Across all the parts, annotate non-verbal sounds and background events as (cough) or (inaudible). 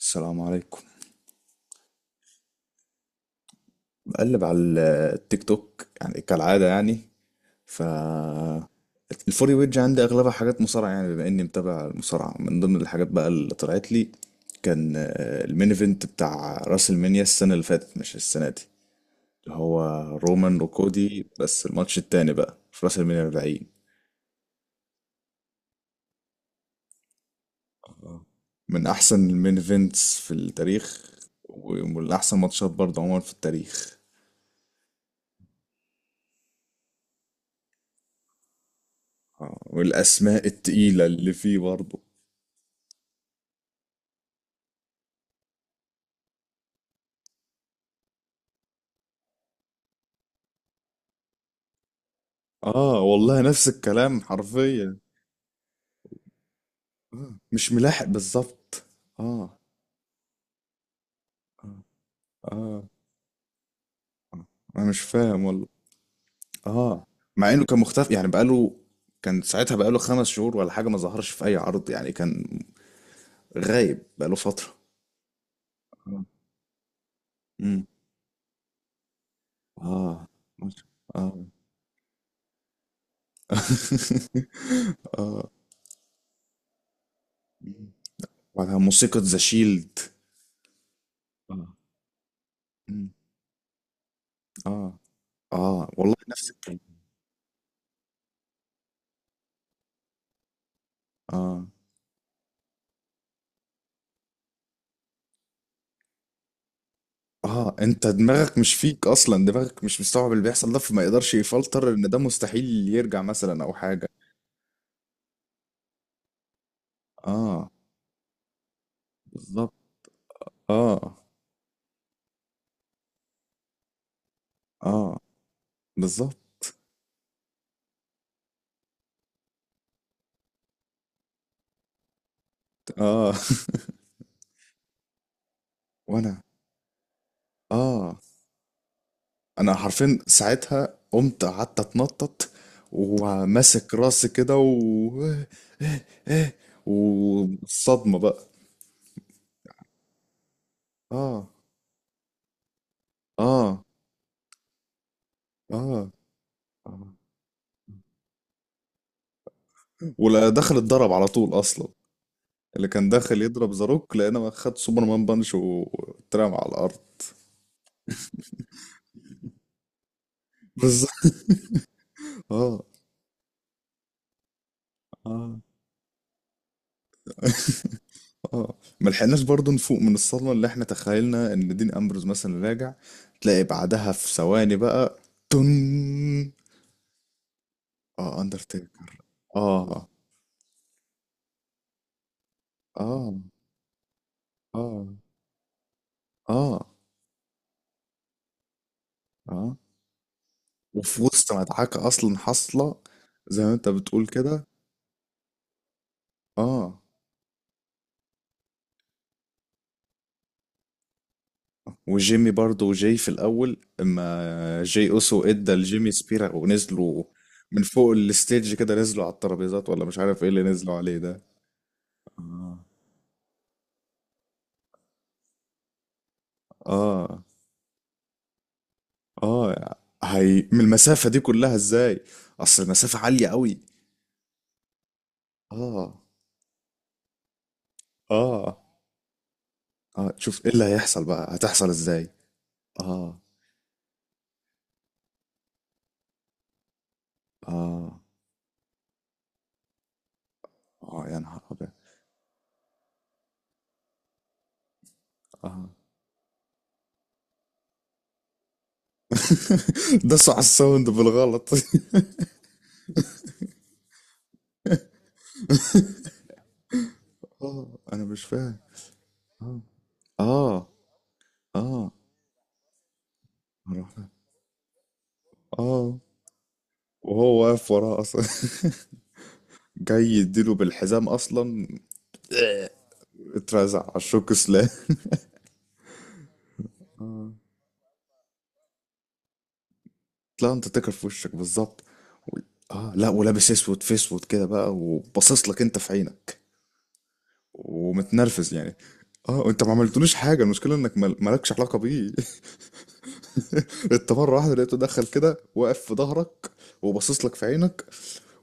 السلام عليكم. بقلب على التيك توك يعني كالعادة يعني. ف الفوري ويج عندي أغلبها حاجات مصارعة يعني، بما إني متابع المصارعة. من ضمن الحاجات بقى اللي طلعت لي كان المين ايفنت بتاع راس المنيا السنة اللي فاتت مش السنة دي، اللي هو رومان وكودي. بس الماتش التاني بقى في راس المنيا 40. آه. من أحسن المين ايفنتس في التاريخ، ومن أحسن ماتشات برضه عموما في التاريخ. والأسماء التقيلة اللي فيه برضه. اه والله نفس الكلام حرفيا. مش ملاحق بالظبط. اه، اه، اه. آه. انا مش فاهم والله. اه، مع انه كان مختفي يعني بقاله، كان ساعتها بقاله خمس شهور ولا حاجة، ما ظهرش في اي عرض يعني، كان غايب بقاله فترة. اه. مم. اه. ماشي. اه. (laughs) اه مم. وبعدها موسيقى ذا شيلد. اه. مم. اه اه والله نفس الكلام. اه، اه، انت دماغك مش فيك اصلا، دماغك مش مستوعب اللي بيحصل ده، فما يقدرش يفلتر ان ده مستحيل يرجع مثلا او حاجة. اه، بالظبط. اه، اه، بالظبط. اه. (laughs) وانا اه، انا حرفيا ساعتها قمت قعدت اتنطط وماسك راسي كده (laughs) والصدمة بقى. اه، اه، اه. آه. ولا دخل اتضرب على طول اصلا. اللي كان داخل يضرب زاروك لقينا خد سوبرمان بانش واترمى على الارض. بالظبط. (laughs) اه، اه، اه. ما لحقناش برضه نفوق من الصدمه اللي احنا تخيلنا ان دين امبروز مثلا راجع، تلاقي بعدها في ثواني بقى تن، اه اندرتيكر. اه، اه، اه، اه، اه. وفي وسط مدعكه اصلا حاصله زي ما انت بتقول كده. اه. وجيمي برضه، وجاي في الأول، اما جاي أوسو ادى لجيمي سبيرا ونزلوا من فوق الستيج كده، نزلوا على الترابيزات ولا مش عارف ايه اللي نزلوا عليه ده. اه، اه، هي من المسافة دي كلها ازاي؟ اصل المسافة عالية قوي. اه، اه، اه، شوف ايه اللي هيحصل بقى، هتحصل ازاي. اه، اه، اه، يا نهار ابيض. اه، (laughs) دسوا على الساوند بالغلط. (laughs) اه، انا مش فاهم. اه، اه، اه، اه. وهو واقف وراه اصلا. (laughs) جاي يديله بالحزام اصلا. اترزع على الشوك، سلام. لا، انت تكر في وشك بالظبط و- اه، لا، ولابس اسود في اسود كده بقى، وباصص لك انت في عينك ومتنرفز يعني. اه، انت ما عملتلوش حاجه، المشكله انك مالكش علاقه بيه. (laughs) انت مره واحده لقيته دخل كده واقف في ظهرك وباصص لك في عينك،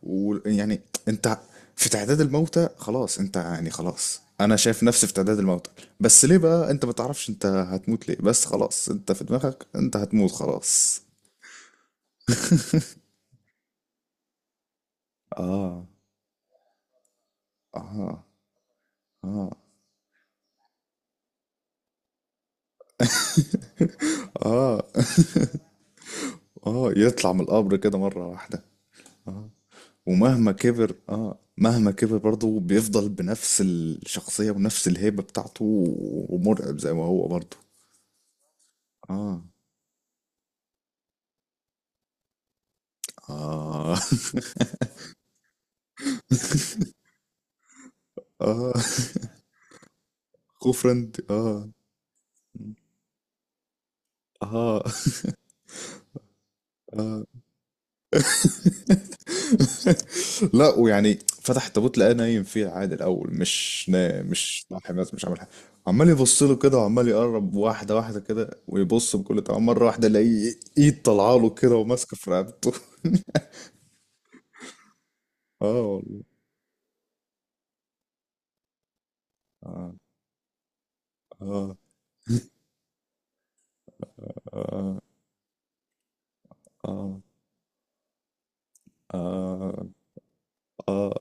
ويعني انت في تعداد الموتى خلاص، انت يعني خلاص انا شايف نفسي في تعداد الموتى. بس ليه بقى، انت ما تعرفش انت هتموت ليه، بس خلاص انت في دماغك انت هتموت خلاص. اه، اه، اه، اه. (laughs) اه، يطلع من القبر كده مرة واحدة. اه. ومهما كبر اه، مهما كبر برضه بيفضل بنفس الشخصية ونفس الهيبة بتاعته، ومرعب زي ما هو برضه. اه، اه. (laughs) اه، خوف رند اه. اه. آه. (laughs) لا ويعني فتح التابوت لقاه نايم فيه عادي الاول، مش نايم مش صاحي، بس مش عامل حاجه. عمال يبص له كده، وعمال يقرب واحده واحده كده ويبص. بكل طبعا مره واحده الاقيه ايد طالعه له كده وماسكه في رقبته. (laughs) اه والله. اه، اه، اه، اه، اه،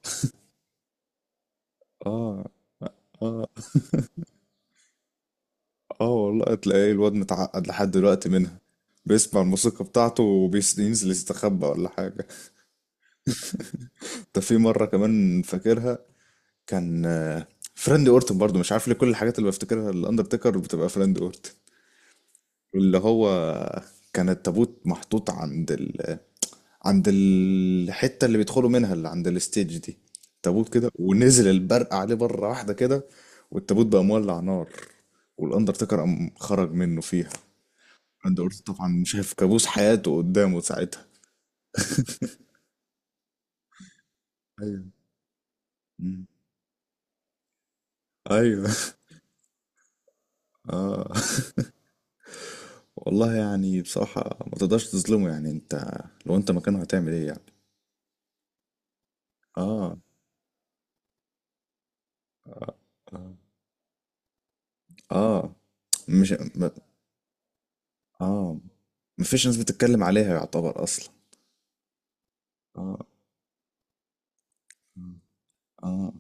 اه، اه، اه. (laughs) اه والله تلاقيه الواد متعقد لحد دلوقتي منها، بيسمع الموسيقى بتاعته وبينزل يستخبى ولا حاجة. (laughs) ده في مرة كمان فاكرها، كان فريند اورتون برضو، مش عارف ليه كل الحاجات اللي بفتكرها الاندرتيكر بتبقى فريند اورتون، اللي هو كان التابوت محطوط عند عند الحتة اللي بيدخلوا منها، اللي عند الستيج دي. تابوت كده، ونزل البرق عليه بره واحدة كده، والتابوت بقى مولع نار، والاندرتيكر قام خرج منه فيها. فريند اورتون طبعا شايف كابوس حياته قدامه ساعتها. ايوه. مم. ايوه. (laughs) اه والله. يعني بصراحة ما تقدرش تظلمه يعني، انت لو انت مكانه هتعمل ايه يعني. اه، اه، آه، مش م... اه، مفيش ناس بتتكلم عليها يعتبر اصلا. اه، اه،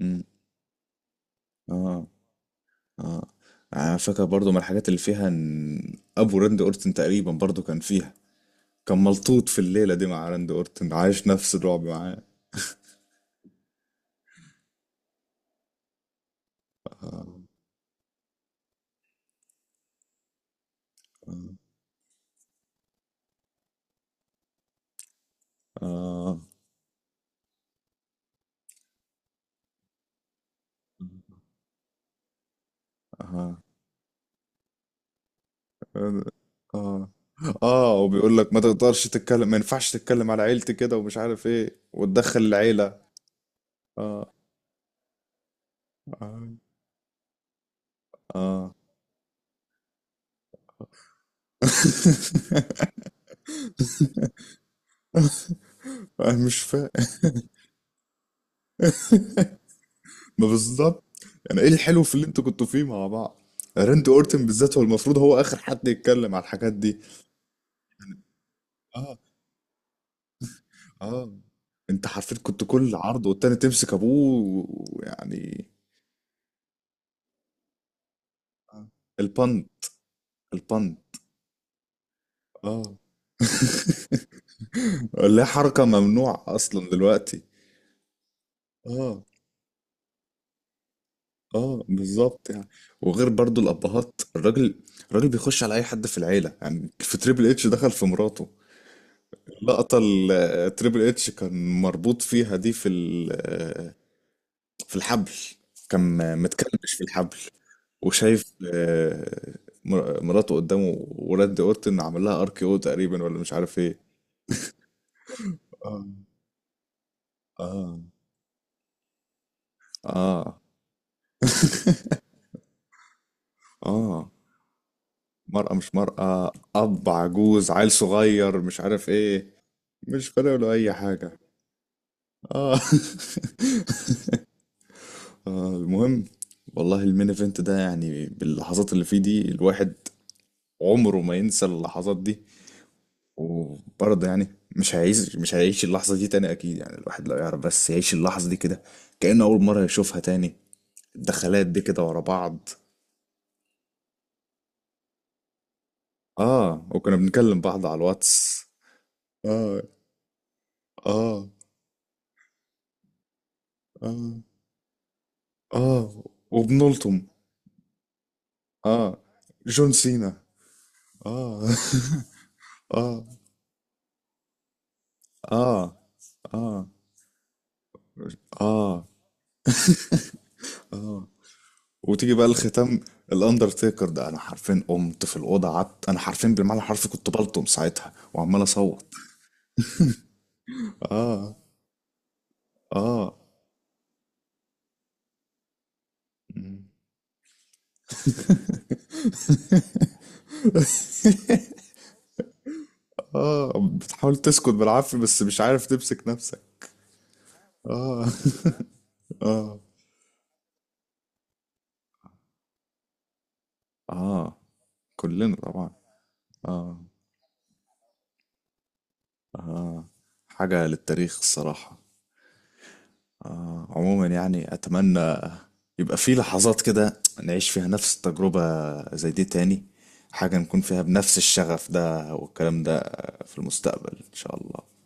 امم، اه، اه، يعني انا فاكر برضو من الحاجات اللي فيها ان ابو راندي اورتن تقريبا برضو كان فيها، كان ملطوط في الليلة دي مع راندي اورتن عايش نفس الرعب معاه. اه، اه، اه، آه. اه، اه، وبيقول لك ما تقدرش تتكلم، ما ينفعش تتكلم على عيلتي كده، ومش عارف ايه وتدخل العيلة. اه، اه، اه. (laughs) انا مش فاهم. ما بالظبط. يعني ايه الحلو في اللي انتوا كنتوا فيه مع بعض؟ راندي اورتن بالذات هو المفروض هو اخر حد يتكلم على الحاجات دي. اه، اه. انت حرفيا كنت كل عرض والتاني تمسك ابوه، ويعني آه. البند. البند. اه، اللي هي حركة ممنوعة اصلا دلوقتي. اه، اه، بالظبط يعني. وغير برضو الابهات، الراجل، الراجل بيخش على اي حد في العيله. يعني في تريبل اتش دخل في مراته. اللقطه اللي تريبل اتش كان مربوط فيها دي في في الحبل، كان متكلبش في الحبل وشايف مراته قدامه، وراندي اورتن عمل لها ار كي او تقريبا، ولا مش عارف ايه. اه، اه، اه. (laughs) اه، مرأة مش مرأة، أب عجوز، عيل صغير، مش عارف إيه، مش فارق له اي حاجه. اه. (laughs) المهم، والله المين ايفنت ده يعني باللحظات اللي فيه دي، الواحد عمره ما ينسى اللحظات دي. وبرضه يعني مش هيعيش، مش هيعيش اللحظة دي تاني أكيد يعني. الواحد لو يعرف بس يعيش اللحظة دي كده كأنه أول مرة يشوفها تاني، الدخلات دي كده ورا بعض. آه، وكنا بنكلم بعض على الواتس. آه، آه، آه، آه، وبنلطم. آه. جون سينا. آه. (laughs) آه. اه، اه، اه، اه. وتيجي بقى الختام، الاندرتيكر ده. انا حرفين قمت في الاوضه قعدت، انا حرفين بالمعنى الحرفي كنت بلطم ساعتها وعمال اصوت. اه، اه، اه. بتحاول تسكت بالعافيه بس مش عارف تمسك نفسك. اه. (laughs) اه، اه. كلنا طبعا. اه، اه. حاجه للتاريخ الصراحه. آه عموما يعني، اتمنى يبقى في لحظات كده نعيش فيها نفس التجربة زي دي تاني، حاجة نكون فيها بنفس الشغف ده والكلام ده في المستقبل إن شاء الله.